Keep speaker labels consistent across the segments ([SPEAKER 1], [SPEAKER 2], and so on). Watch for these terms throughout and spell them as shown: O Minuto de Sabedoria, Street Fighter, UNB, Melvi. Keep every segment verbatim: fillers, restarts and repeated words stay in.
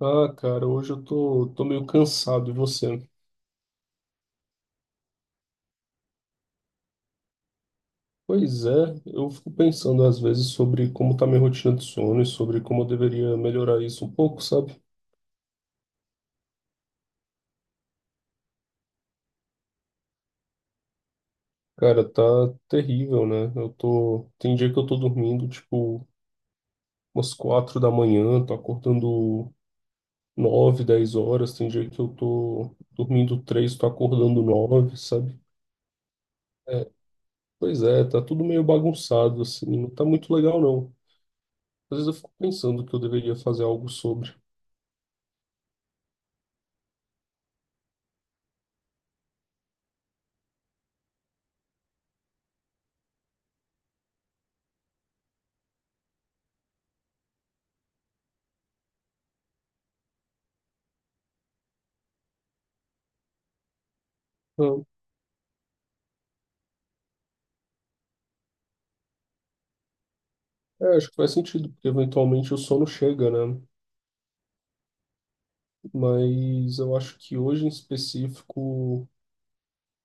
[SPEAKER 1] Ah, cara, hoje eu tô, tô meio cansado, e você? Pois é, eu fico pensando às vezes sobre como tá minha rotina de sono e sobre como eu deveria melhorar isso um pouco, sabe? Cara, tá terrível, né? Eu tô, tem dia que eu tô dormindo tipo umas quatro da manhã, tô acordando nove, dez horas, tem dia que eu tô dormindo três, tô acordando nove, sabe? É, pois é, tá tudo meio bagunçado assim, não tá muito legal não. Às vezes eu fico pensando que eu deveria fazer algo sobre. Ah, é, acho que faz sentido, porque eventualmente o sono chega, né? Mas eu acho que hoje em específico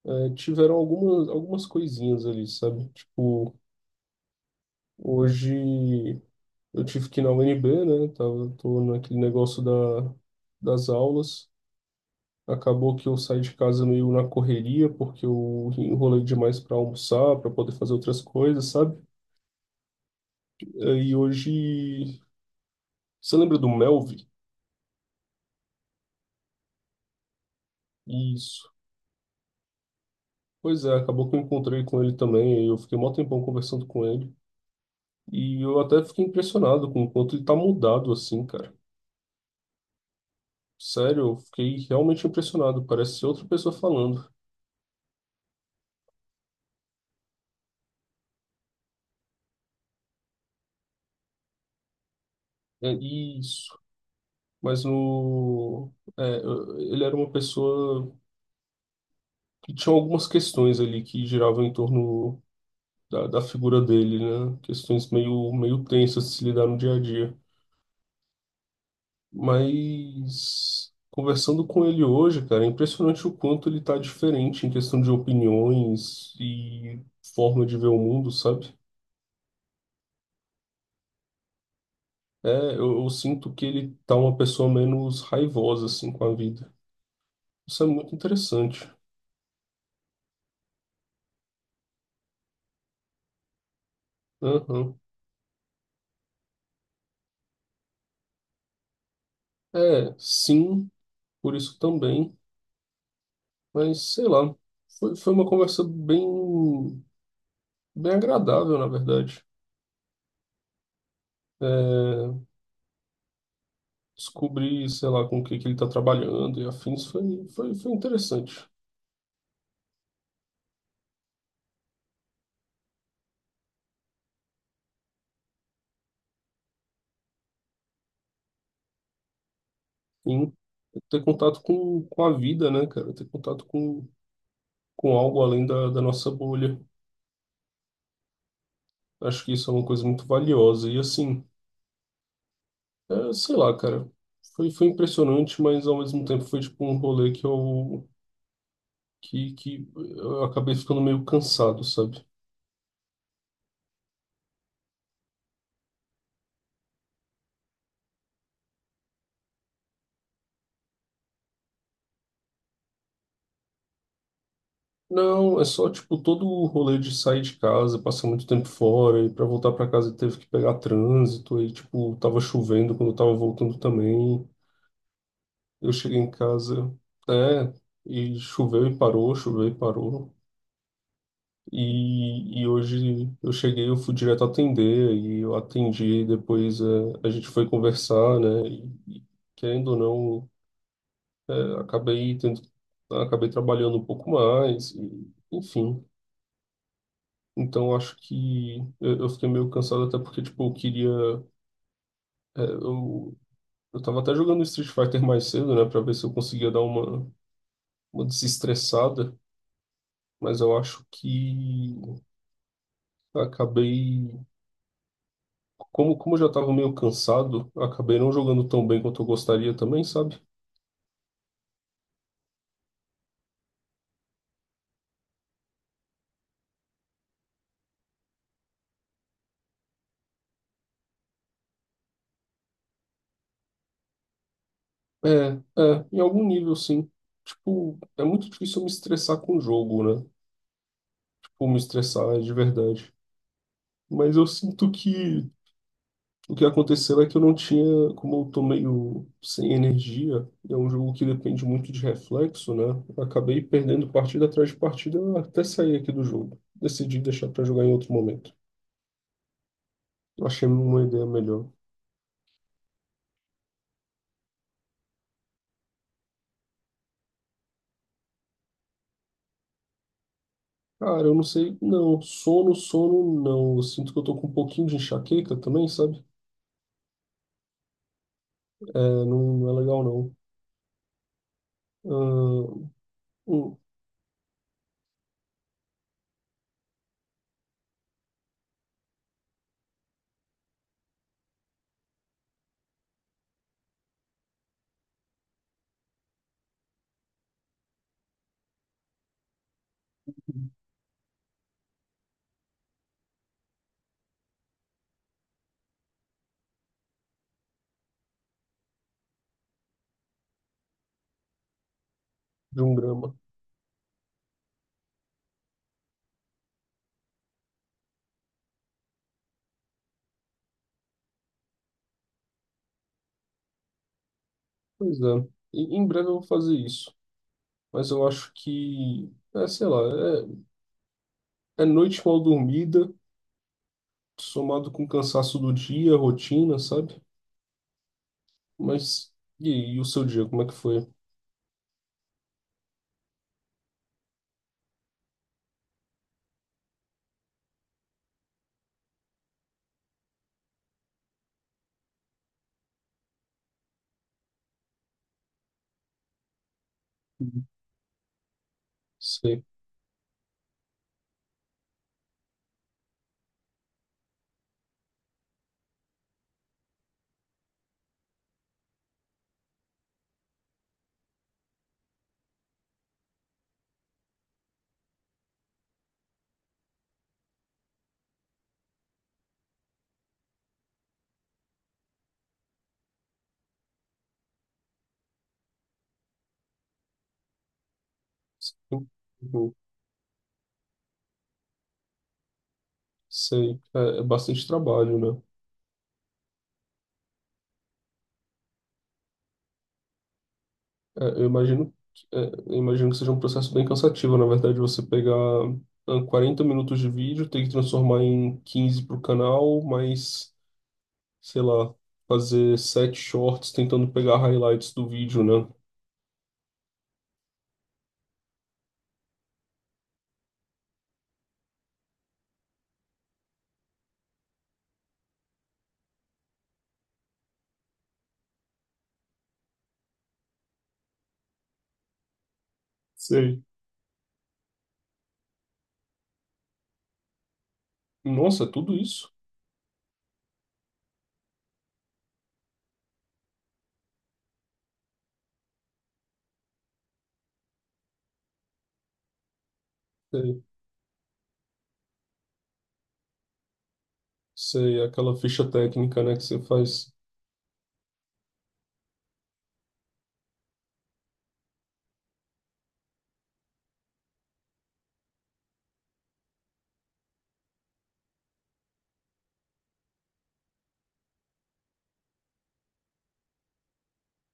[SPEAKER 1] é, tiveram algumas, algumas coisinhas ali, sabe? Tipo, hoje eu tive que ir na U N B, né? Tava, tô naquele negócio da, das aulas. Acabou que eu saí de casa meio na correria, porque eu enrolei demais para almoçar, para poder fazer outras coisas, sabe? É, e hoje. Você lembra do Melvi? Isso. Pois é, acabou que eu encontrei com ele também, aí eu fiquei mó tempão conversando com ele, e eu até fiquei impressionado com o quanto ele tá mudado assim, cara. Sério, eu fiquei realmente impressionado, parece outra pessoa falando. É isso, mas no... é, eu- ele era uma pessoa que tinha algumas questões ali que giravam em torno da, da figura dele, né? Questões meio, meio tensas de se lidar no dia a dia. Mas conversando com ele hoje, cara, é impressionante o quanto ele tá diferente em questão de opiniões e forma de ver o mundo, sabe? É, eu, eu sinto que ele tá uma pessoa menos raivosa, assim, com a vida. Isso é muito interessante. Aham. É, sim, por isso também, mas sei lá, foi, foi uma conversa bem, bem agradável, na verdade. É, descobrir, sei lá, com o que que ele tá trabalhando e afins foi, foi, foi interessante. Sim, ter contato com, com a vida, né, cara? Ter contato com, com algo além da, da nossa bolha. Acho que isso é uma coisa muito valiosa. E assim, é, sei lá, cara, foi, foi impressionante, mas ao mesmo tempo foi tipo um rolê que eu, que, que eu acabei ficando meio cansado, sabe? Não, é só tipo todo o rolê de sair de casa, passar muito tempo fora, e pra voltar pra casa teve que pegar trânsito, aí tipo tava chovendo quando eu tava voltando também. Eu cheguei em casa, é, e choveu e parou, choveu e parou. E, e hoje eu cheguei, eu fui direto atender, e eu atendi, depois é, a gente foi conversar, né? E, e querendo ou não, é, acabei tendo, acabei trabalhando um pouco mais, e, enfim. Então eu acho que eu, eu fiquei meio cansado até porque, tipo, eu queria. É, eu, eu tava até jogando Street Fighter mais cedo, né? Pra ver se eu conseguia dar uma, uma desestressada. Mas eu acho que eu acabei, como, como eu já estava meio cansado, eu acabei não jogando tão bem quanto eu gostaria também, sabe? É, é, em algum nível sim. Tipo, é muito difícil eu me estressar com o jogo, né? Tipo, me estressar de verdade. Mas eu sinto que o que aconteceu é que eu não tinha, como eu tô meio sem energia, é um jogo que depende muito de reflexo, né? Eu acabei perdendo partida atrás de partida até sair aqui do jogo. Decidi deixar para jogar em outro momento. Eu achei uma ideia melhor. Cara, eu não sei, não. Sono, sono, não. Eu sinto que eu tô com um pouquinho de enxaqueca também, sabe? É, não, não é legal, não. Ah, um, de um grama. Pois é. Em em breve eu vou fazer isso. Mas eu acho que, é, sei lá, é, é noite mal dormida, somado com o cansaço do dia, rotina, sabe? Mas e, aí, e o seu dia, como é que foi? Uhum. Sei. Uhum. Sei. É, é bastante trabalho, né? É, eu imagino, que- é, eu imagino que seja um processo bem cansativo, na verdade, você pegar ah, quarenta minutos de vídeo, ter que transformar em quinze para o canal, mas, sei lá, fazer sete shorts tentando pegar highlights do vídeo, né? Sei. Nossa, é tudo isso? É. Sei, aquela ficha técnica, né, que você faz.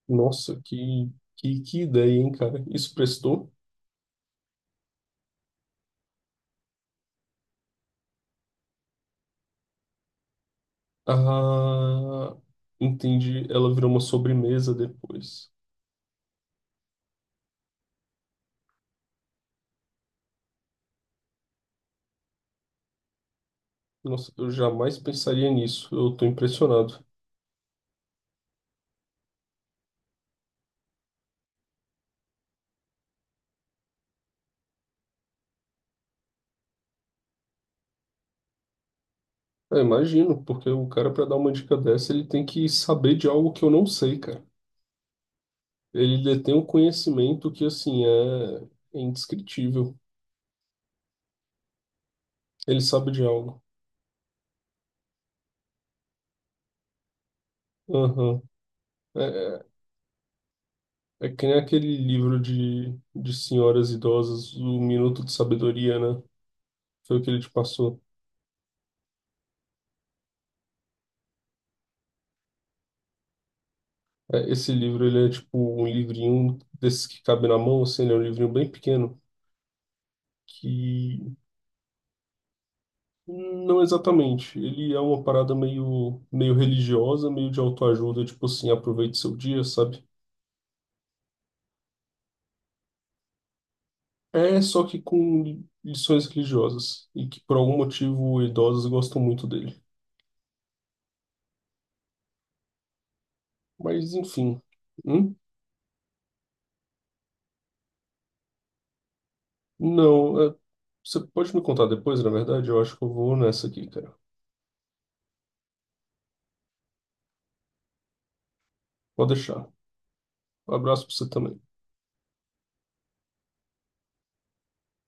[SPEAKER 1] Nossa, que, que, que ideia, hein, cara? Isso prestou? Ah, entendi. Ela virou uma sobremesa depois. Nossa, eu jamais pensaria nisso. Eu tô impressionado. É, imagino, porque o cara, para dar uma dica dessa, ele tem que saber de algo que eu não sei, cara. Ele detém um conhecimento que, assim, é, é indescritível. Ele sabe de algo. Aham. É, é que nem aquele livro de, de senhoras idosas, O Minuto de Sabedoria, né? Foi o que ele te passou. É, esse livro, ele é tipo um livrinho desses que cabe na mão, assim, ele é um livrinho bem pequeno, que não exatamente. Ele é uma parada meio, meio religiosa, meio de autoajuda, tipo assim, aproveite seu dia, sabe? É só que com lições religiosas, e que por algum motivo idosos gostam muito dele. Mas, enfim. Hum? Não, é- você pode me contar depois, na verdade? Eu acho que eu vou nessa aqui, cara. Pode deixar. Um abraço pra você também.